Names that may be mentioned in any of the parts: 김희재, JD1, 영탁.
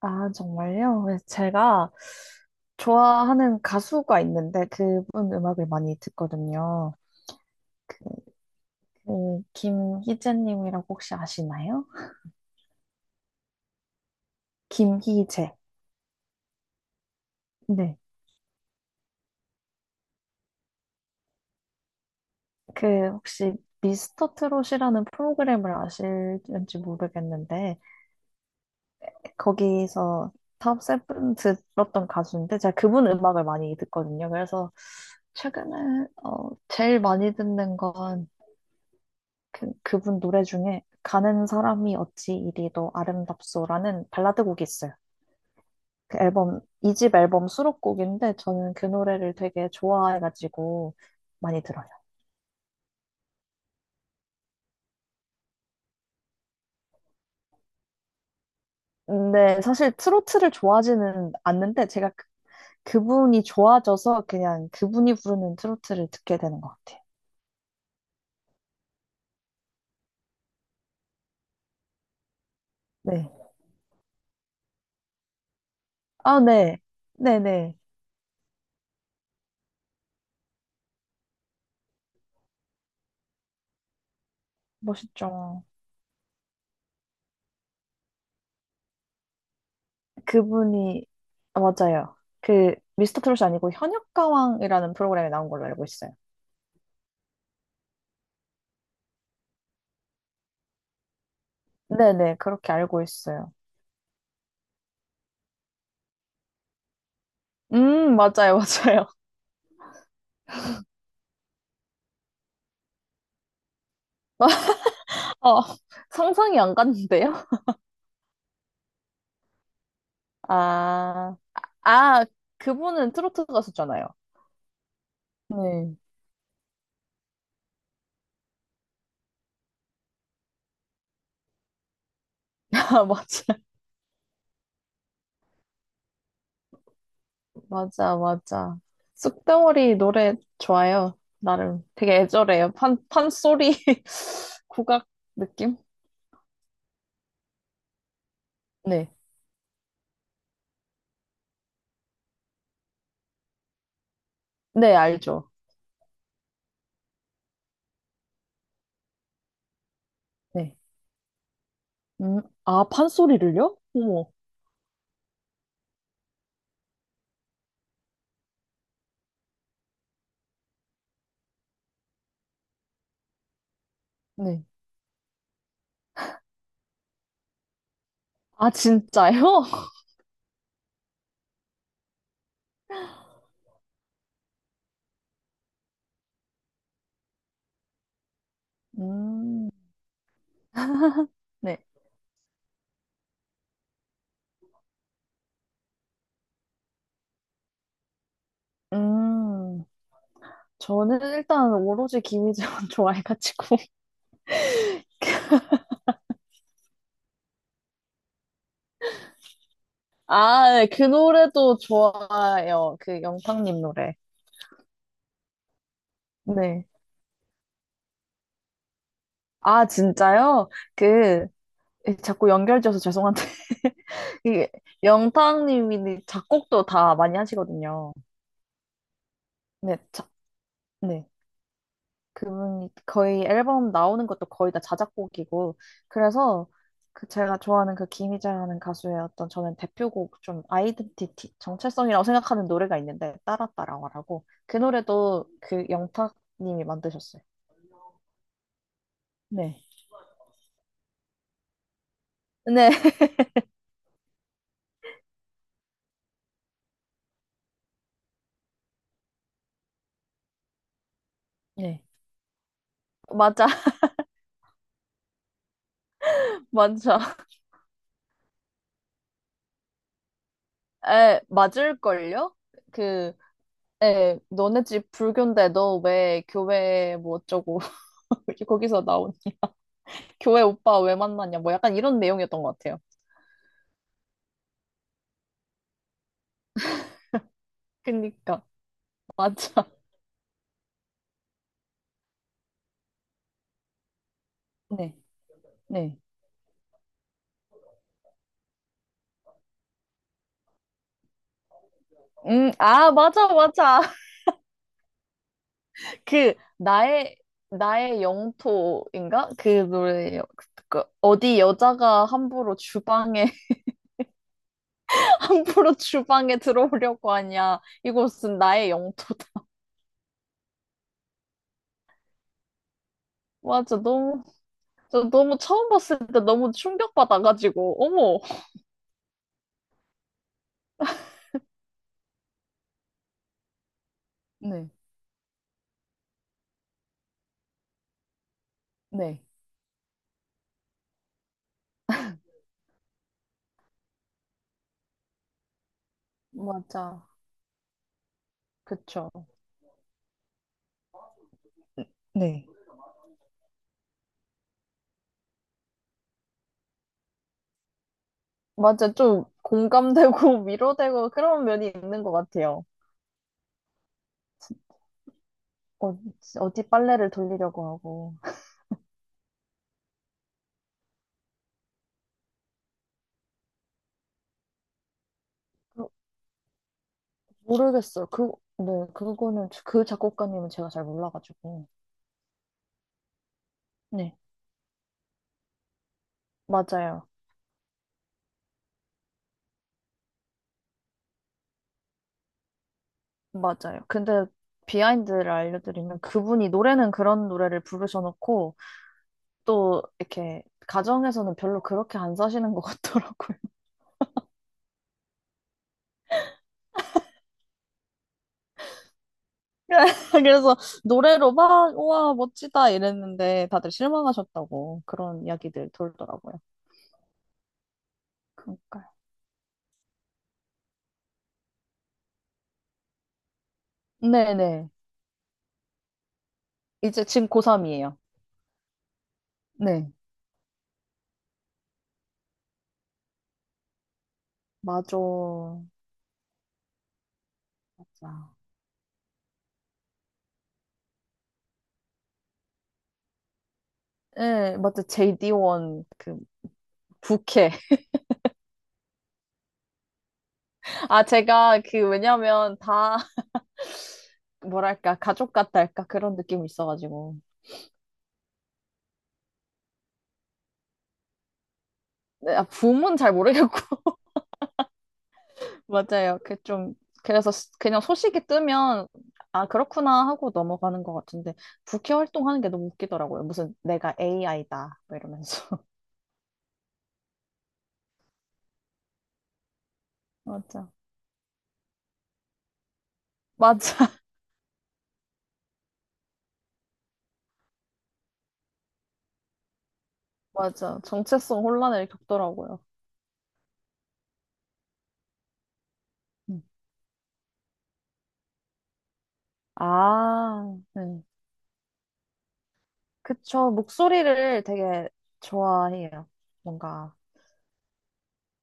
아, 정말요? 네, 제가 좋아하는 가수가 있는데 그분 음악을 많이 듣거든요. 그, 그 김희재님이라고 혹시 아시나요? 김희재. 네. 그 혹시 미스터 트롯이라는 프로그램을 아실지 모르겠는데 거기서 탑 세븐 들었던 가수인데 제가 그분 음악을 많이 듣거든요. 그래서 최근에 제일 많이 듣는 건 그, 그분 노래 중에 가는 사람이 어찌 이리도 아름답소라는 발라드 곡이 있어요. 그 앨범, 이집 앨범 수록곡인데 저는 그 노래를 되게 좋아해가지고 많이 들어요. 근데 사실 트로트를 좋아하지는 않는데 제가 그, 그분이 좋아져서 그냥 그분이 부르는 트로트를 듣게 되는 것 같아요. 네. 아, 네. 네네. 멋있죠. 그분이, 아, 맞아요. 그, 미스터 트롯이 아니고 현역가왕이라는 프로그램에 나온 걸로 알고 있어요. 네네, 그렇게 알고 있어요. 맞아요, 맞아요. 어, 상상이 안 갔는데요? 아, 아, 그분은 트로트 가수잖아요. 네. 아, 맞아, 맞아, 맞아. 쑥대머리 노래 좋아요. 나름 되게 애절해요. 판소리 국악 느낌? 네, 네, 알죠. 네. 아, 판소리를요? 어머. 네. 아, 진짜요? 음, 네. 음. 저는 일단 오로지 김희재만 좋아해가지고. 아, 네, 그 노래도 좋아요. 그 영탁님 노래. 네. 아, 진짜요? 그, 자꾸 연결지어서 죄송한데. 이게 영탁님이 작곡도 다 많이 하시거든요. 네, 자, 네. 그분이 거의 앨범 나오는 것도 거의 다 자작곡이고 그래서 그 제가 좋아하는 그 김희재라는 가수의 어떤 저는 대표곡 좀 아이덴티티 정체성이라고 생각하는 노래가 있는데 따라 따라와라고 그 노래도 그 영탁님이 만드셨어요. 네. 네. 네. 맞아. 맞아. 에, 맞을걸요? 그 에, 너네 집 불교인데 너 왜 교회 뭐 어쩌고 거기서 나오니? 교회 오빠 왜 만났냐? 뭐 약간 이런 내용이었던 것 같아요. 그니까. 맞아. 네. 네. 아, 맞아, 맞아. 그, 나의 영토인가? 그 노래, 그, 그 어디 여자가 함부로 주방에, 함부로 주방에 들어오려고 하냐. 이곳은 나의 영토다. 맞아, 너무, 저 너무 처음 봤을 때 너무 충격받아가지고, 어머. 네, 네. 맞아. 그쵸. 네. 맞아, 좀 공감되고 위로되고 그런 면이 있는 것 같아요. 어, 어디 빨래를 돌리려고 하고. 그- 모르겠어요. 그, 네, 그거는, 저- 그 작곡가님은 제가 잘 몰라가지고. 네, 맞아요. 맞아요. 근데 비하인드를 알려드리면 그분이 노래는 그런 노래를 부르셔놓고 또 이렇게 가정에서는 별로 그렇게 안 사시는 것 같더라고요. 그래서 노래로 막, 우와, 멋지다 이랬는데 다들 실망하셨다고 그런 이야기들 돌더라고요. 그러니까요. 네네. 이제 지금 고3이에요. 네. 맞아. 맞아. 예, 맞아. JD1, 그, 부캐. 아, 제가 그, 왜냐면 다, 뭐랄까, 가족 같달까? 그런 느낌이 있어가지고. 네, 아, 붐은 잘 모르겠고. 맞아요. 그 좀, 그래서 스- 그냥 소식이 뜨면, 아, 그렇구나 하고 넘어가는 것 같은데, 부캐 활동하는 게 너무 웃기더라고요. 무슨 내가 AI다. 뭐 이러면서. 맞아. 맞아. 맞아. 정체성 혼란을 겪더라고요. 음. 아, 네. 그쵸. 목소리를 되게 좋아해요. 뭔가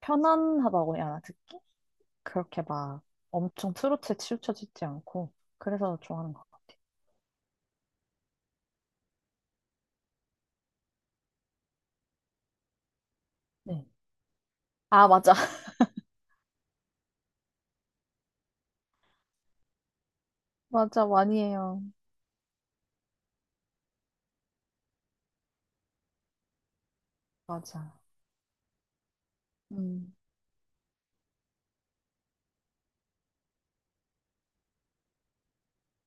편안하다고 해야 하나, 듣기? 그렇게 막 엄청 트로트에 치우쳐지지 않고. 그래서 좋아하는 것 같아요. 네. 아, 맞아. 맞아. 많이 해요. 맞아. 음,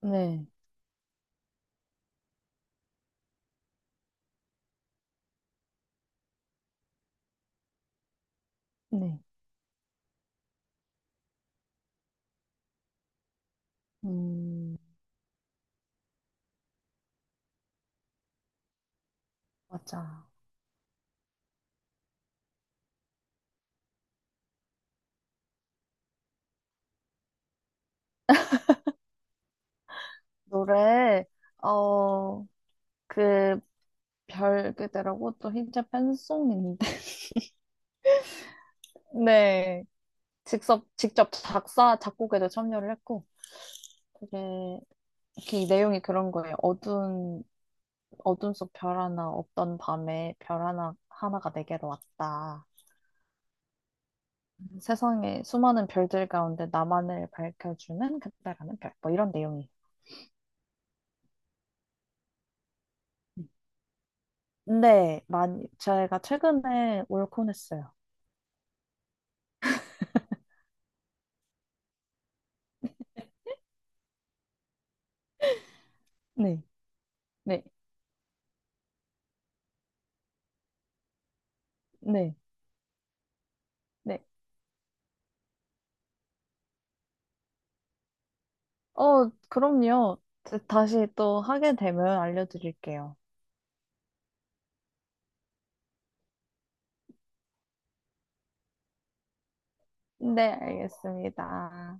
네. 네. 음, 맞아. 노래, 어, 그, 별 그대라고 또 흰자 팬송인데. 네. 직접 작사, 작곡에도 참여를 했고. 그게 그 내용이 그런 거예요. 어두운, 어둠 속 별 하나 없던 밤에 별 하나, 하나가 내게로 왔다. 세상에 수많은 별들 가운데 나만을 밝혀주는 그때라는 별. 뭐 이런 내용이. 네, 많이, 제가 최근에 올콘 했어요. 네, 네, 네, 네. 어, 그럼요. 다시 또 하게 되면 알려드릴게요. 네, 알겠습니다.